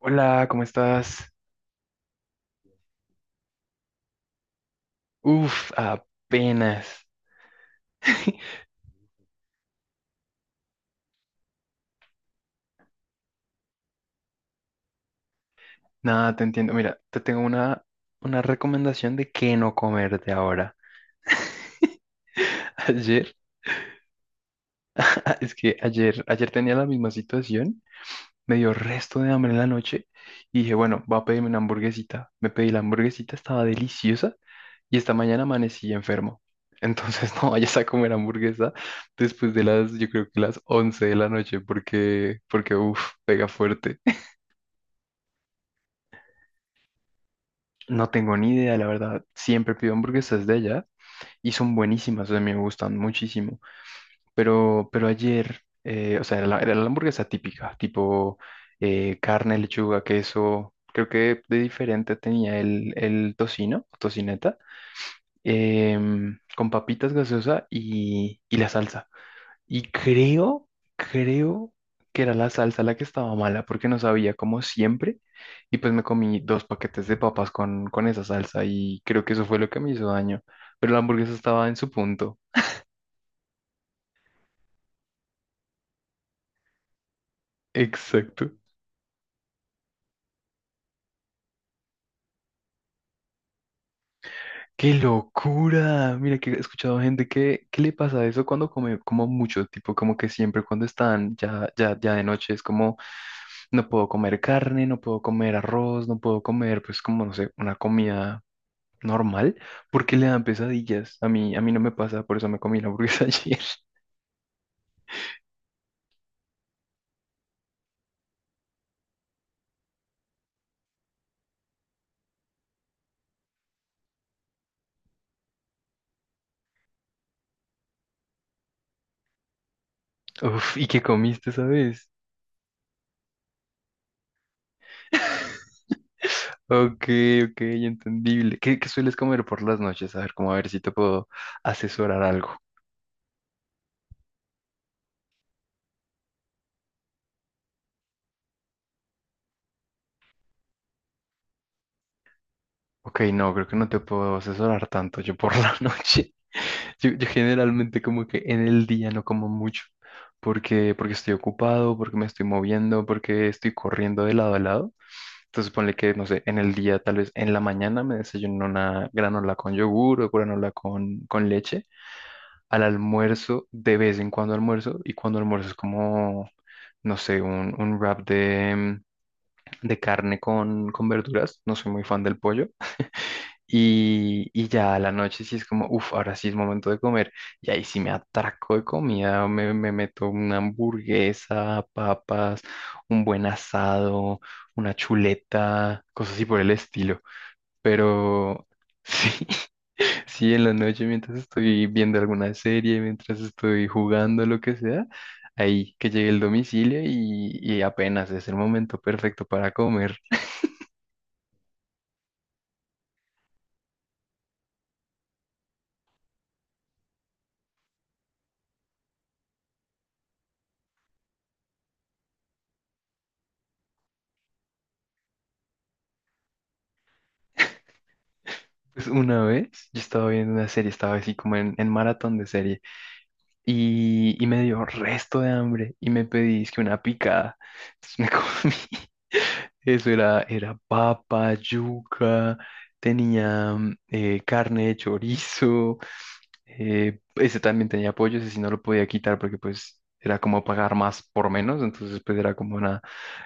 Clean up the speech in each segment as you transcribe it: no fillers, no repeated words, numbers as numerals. Hola, ¿cómo estás? Uf, apenas. Nada, te entiendo. Mira, te tengo una recomendación de qué no comer de ahora. Ayer, es que ayer tenía la misma situación, me dio resto de hambre en la noche y dije, bueno, voy a pedirme una hamburguesita. Me pedí la hamburguesita, estaba deliciosa y esta mañana amanecí enfermo. Entonces no vayas a comer hamburguesa después de las, yo creo que las 11 de la noche porque, uf, pega fuerte. No tengo ni idea, la verdad. Siempre pido hamburguesas de allá y son buenísimas, o sea, me gustan muchísimo. Pero ayer, o sea, era la hamburguesa típica, tipo carne, lechuga, queso. Creo que de diferente tenía el tocino, tocineta, con papitas gaseosa y la salsa. Y creo que era la salsa la que estaba mala porque no sabía como siempre. Y pues me comí dos paquetes de papas con esa salsa y creo que eso fue lo que me hizo daño. Pero la hamburguesa estaba en su punto. Exacto. ¡Qué locura! Mira que he escuchado gente que, ¿qué le pasa a eso cuando come como mucho? Tipo, como que siempre cuando están ya de noche es como, no puedo comer carne, no puedo comer arroz, no puedo comer, pues como, no sé, una comida normal, ¿por qué le dan pesadillas? A mí no me pasa, por eso me comí la hamburguesa ayer. Uf, ¿y qué comiste, sabes? Ok, ok, entendible. ¿Qué sueles comer por las noches? A ver, como a ver si te puedo asesorar algo. Ok, no, creo que no te puedo asesorar tanto yo por la noche. Yo generalmente como que en el día no como mucho, porque estoy ocupado, porque me estoy moviendo, porque estoy corriendo de lado a lado. Entonces ponle que, no sé, en el día, tal vez en la mañana me desayuno una granola con yogur o granola con leche. Al almuerzo, de vez en cuando almuerzo. Y cuando almuerzo es como, no sé, un wrap de carne con verduras. No soy muy fan del pollo. Y ya a la noche sí es como, uff, ahora sí es momento de comer. Y ahí sí me atraco de comida. Me meto una hamburguesa, papas, un buen asado, una chuleta, cosas así por el estilo. Pero sí, sí, en la noche mientras estoy viendo alguna serie, mientras estoy jugando, lo que sea, ahí que llegue el domicilio y apenas es el momento perfecto para comer. Pues una vez yo estaba viendo una serie, estaba así como en maratón de serie. Y me dio resto de hambre y me pedí es que una picada. Entonces me comí. Eso era, era papa, yuca, tenía carne de chorizo. Ese también tenía pollo, ese sí no lo podía quitar porque pues era como pagar más por menos. Entonces pues era como una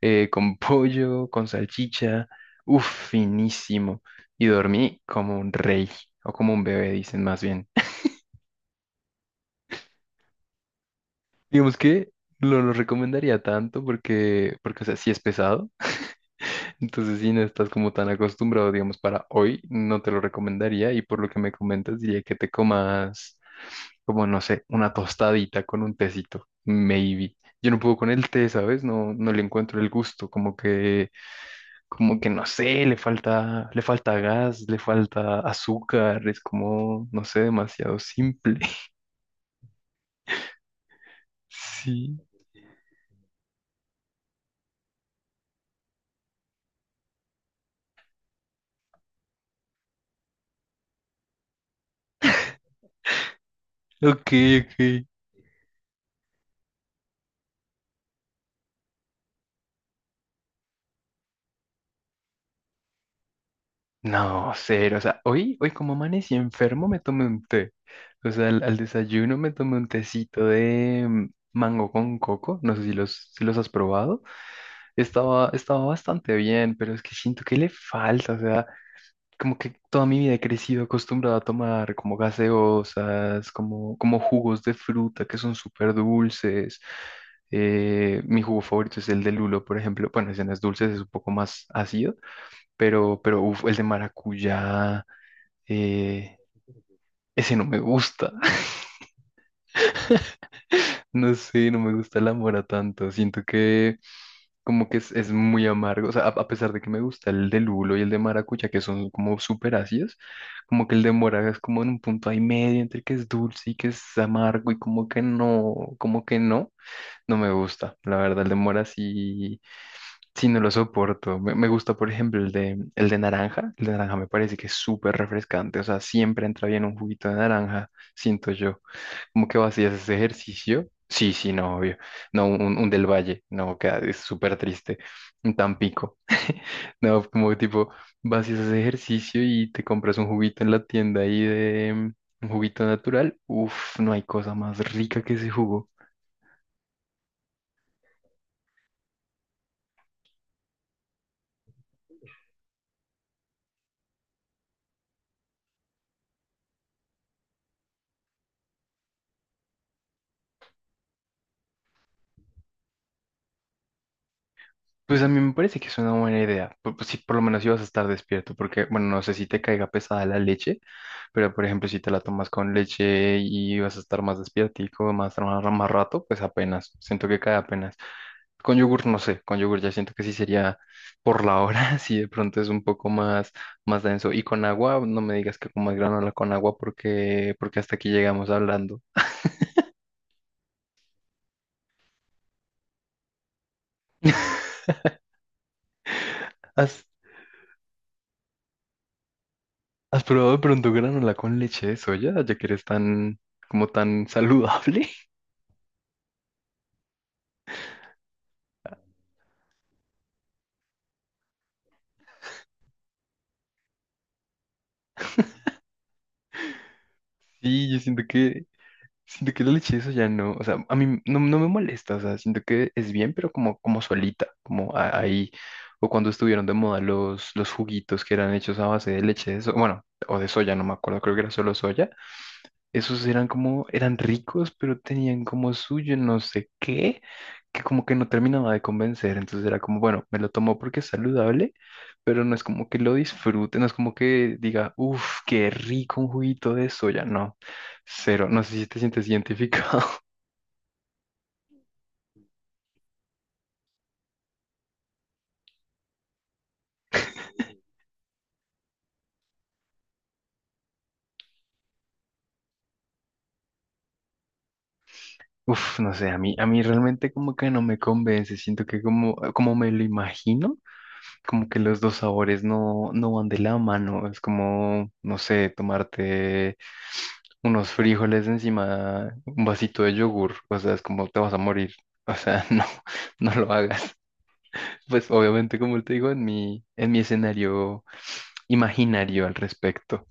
con pollo, con salchicha. Uff, finísimo. Y dormí como un rey o como un bebé, dicen más bien. Digamos que no lo recomendaría tanto porque, o sea, sí es pesado. Entonces, si no estás como tan acostumbrado, digamos, para hoy, no te lo recomendaría. Y por lo que me comentas, diría que te comas, como no sé, una tostadita con un tecito, maybe. Yo no puedo con el té, ¿sabes? No, no le encuentro el gusto, como que no sé, le falta gas, le falta azúcar, es como, no sé, demasiado simple. Sí. Ok, ok. No, cero. O sea, hoy como amanecí enfermo me tomé un té. O sea, al desayuno me tomé un tecito de mango con coco. No sé si los has probado. Estaba bastante bien, pero es que siento que le falta. O sea, como que toda mi vida he crecido acostumbrado a tomar como gaseosas, como jugos de fruta que son súper dulces. Mi jugo favorito es el de lulo, por ejemplo. Bueno, ese no es dulce, ese es un poco más ácido, pero uf, el de maracuyá eh, ese no me gusta. No sé, no me gusta la mora tanto. Siento que como que es muy amargo. O sea, a pesar de que me gusta el de lulo y el de maracucha, que son como súper ácidos, como que el de mora es como en un punto ahí medio entre que es dulce y que es amargo y como que no, no me gusta. La verdad, el de mora sí, sí no lo soporto. Me gusta, por ejemplo, el de naranja. El de naranja me parece que es súper refrescante. O sea, siempre entra bien un juguito de naranja, siento yo. ¿Cómo que vacías ese ejercicio? Sí, sí, no, obvio. No, un del Valle, no, que es súper triste. Un Tampico. No, como tipo, vacías ese ejercicio y te compras un juguito en la tienda ahí de un juguito natural. Uf, no hay cosa más rica que ese jugo. Pues a mí me parece que es una buena idea. Pues, si por lo menos ibas a estar despierto, porque, bueno, no sé si te caiga pesada la leche, pero por ejemplo, si te la tomas con leche y vas a estar más despiertico, más rato, pues apenas. Siento que cae apenas. Con yogur, no sé, con yogur ya siento que sí sería por la hora, si de pronto es un poco más denso. Y con agua, no me digas que comas granola con agua porque, porque hasta aquí llegamos hablando. ¿Has, has probado de pronto granola con leche de soya, ya que eres tan, como tan saludable? Sí, yo siento que la leche eso ya no, o sea, a mí no, no me molesta, o sea, siento que es bien, pero como solita, como ahí, o cuando estuvieron de moda los juguitos que eran hechos a base de leche de soya, bueno, o de soya, no me acuerdo, creo que era solo soya esos eran ricos, pero tenían como suyo no sé qué, que como que no terminaba de convencer. Entonces era como, bueno, me lo tomo porque es saludable, pero no es como que lo disfrute, no es como que diga, uff, qué rico un juguito de soya. No, cero, no sé si te sientes identificado. Uf, no sé, a mí realmente como que no me convence, siento que como me lo imagino. Como que los dos sabores no, no van de la mano. Es como, no sé, tomarte unos frijoles encima, un vasito de yogur. O sea, es como te vas a morir. O sea, no, no lo hagas. Pues obviamente, como te digo, en mi escenario imaginario al respecto.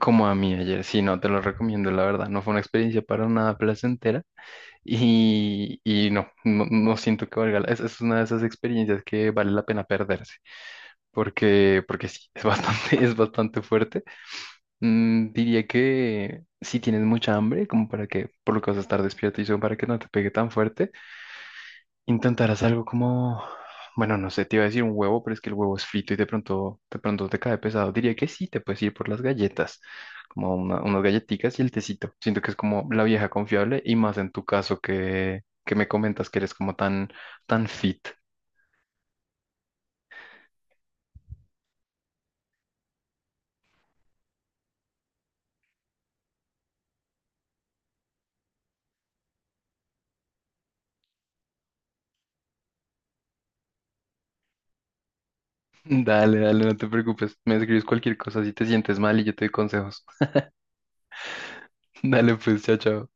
Como a mí ayer, sí, no, te lo recomiendo, la verdad, no fue una experiencia para nada placentera y no, no, no siento que valga es una de esas experiencias que vale la pena perderse. Porque sí, es bastante, es bastante fuerte. Diría que si tienes mucha hambre, como para que, por lo que vas a estar despierto y eso, para que no te pegue tan fuerte, intentarás algo como, bueno, no sé, te iba a decir un huevo, pero es que el huevo es frito y de pronto te cae pesado. Diría que sí, te puedes ir por las galletas, como unas galletitas y el tecito. Siento que es como la vieja confiable y más en tu caso que me comentas que eres como tan, tan fit. Dale, dale, no te preocupes. Me escribes cualquier cosa si te sientes mal y yo te doy consejos. Dale, pues, chao, chao.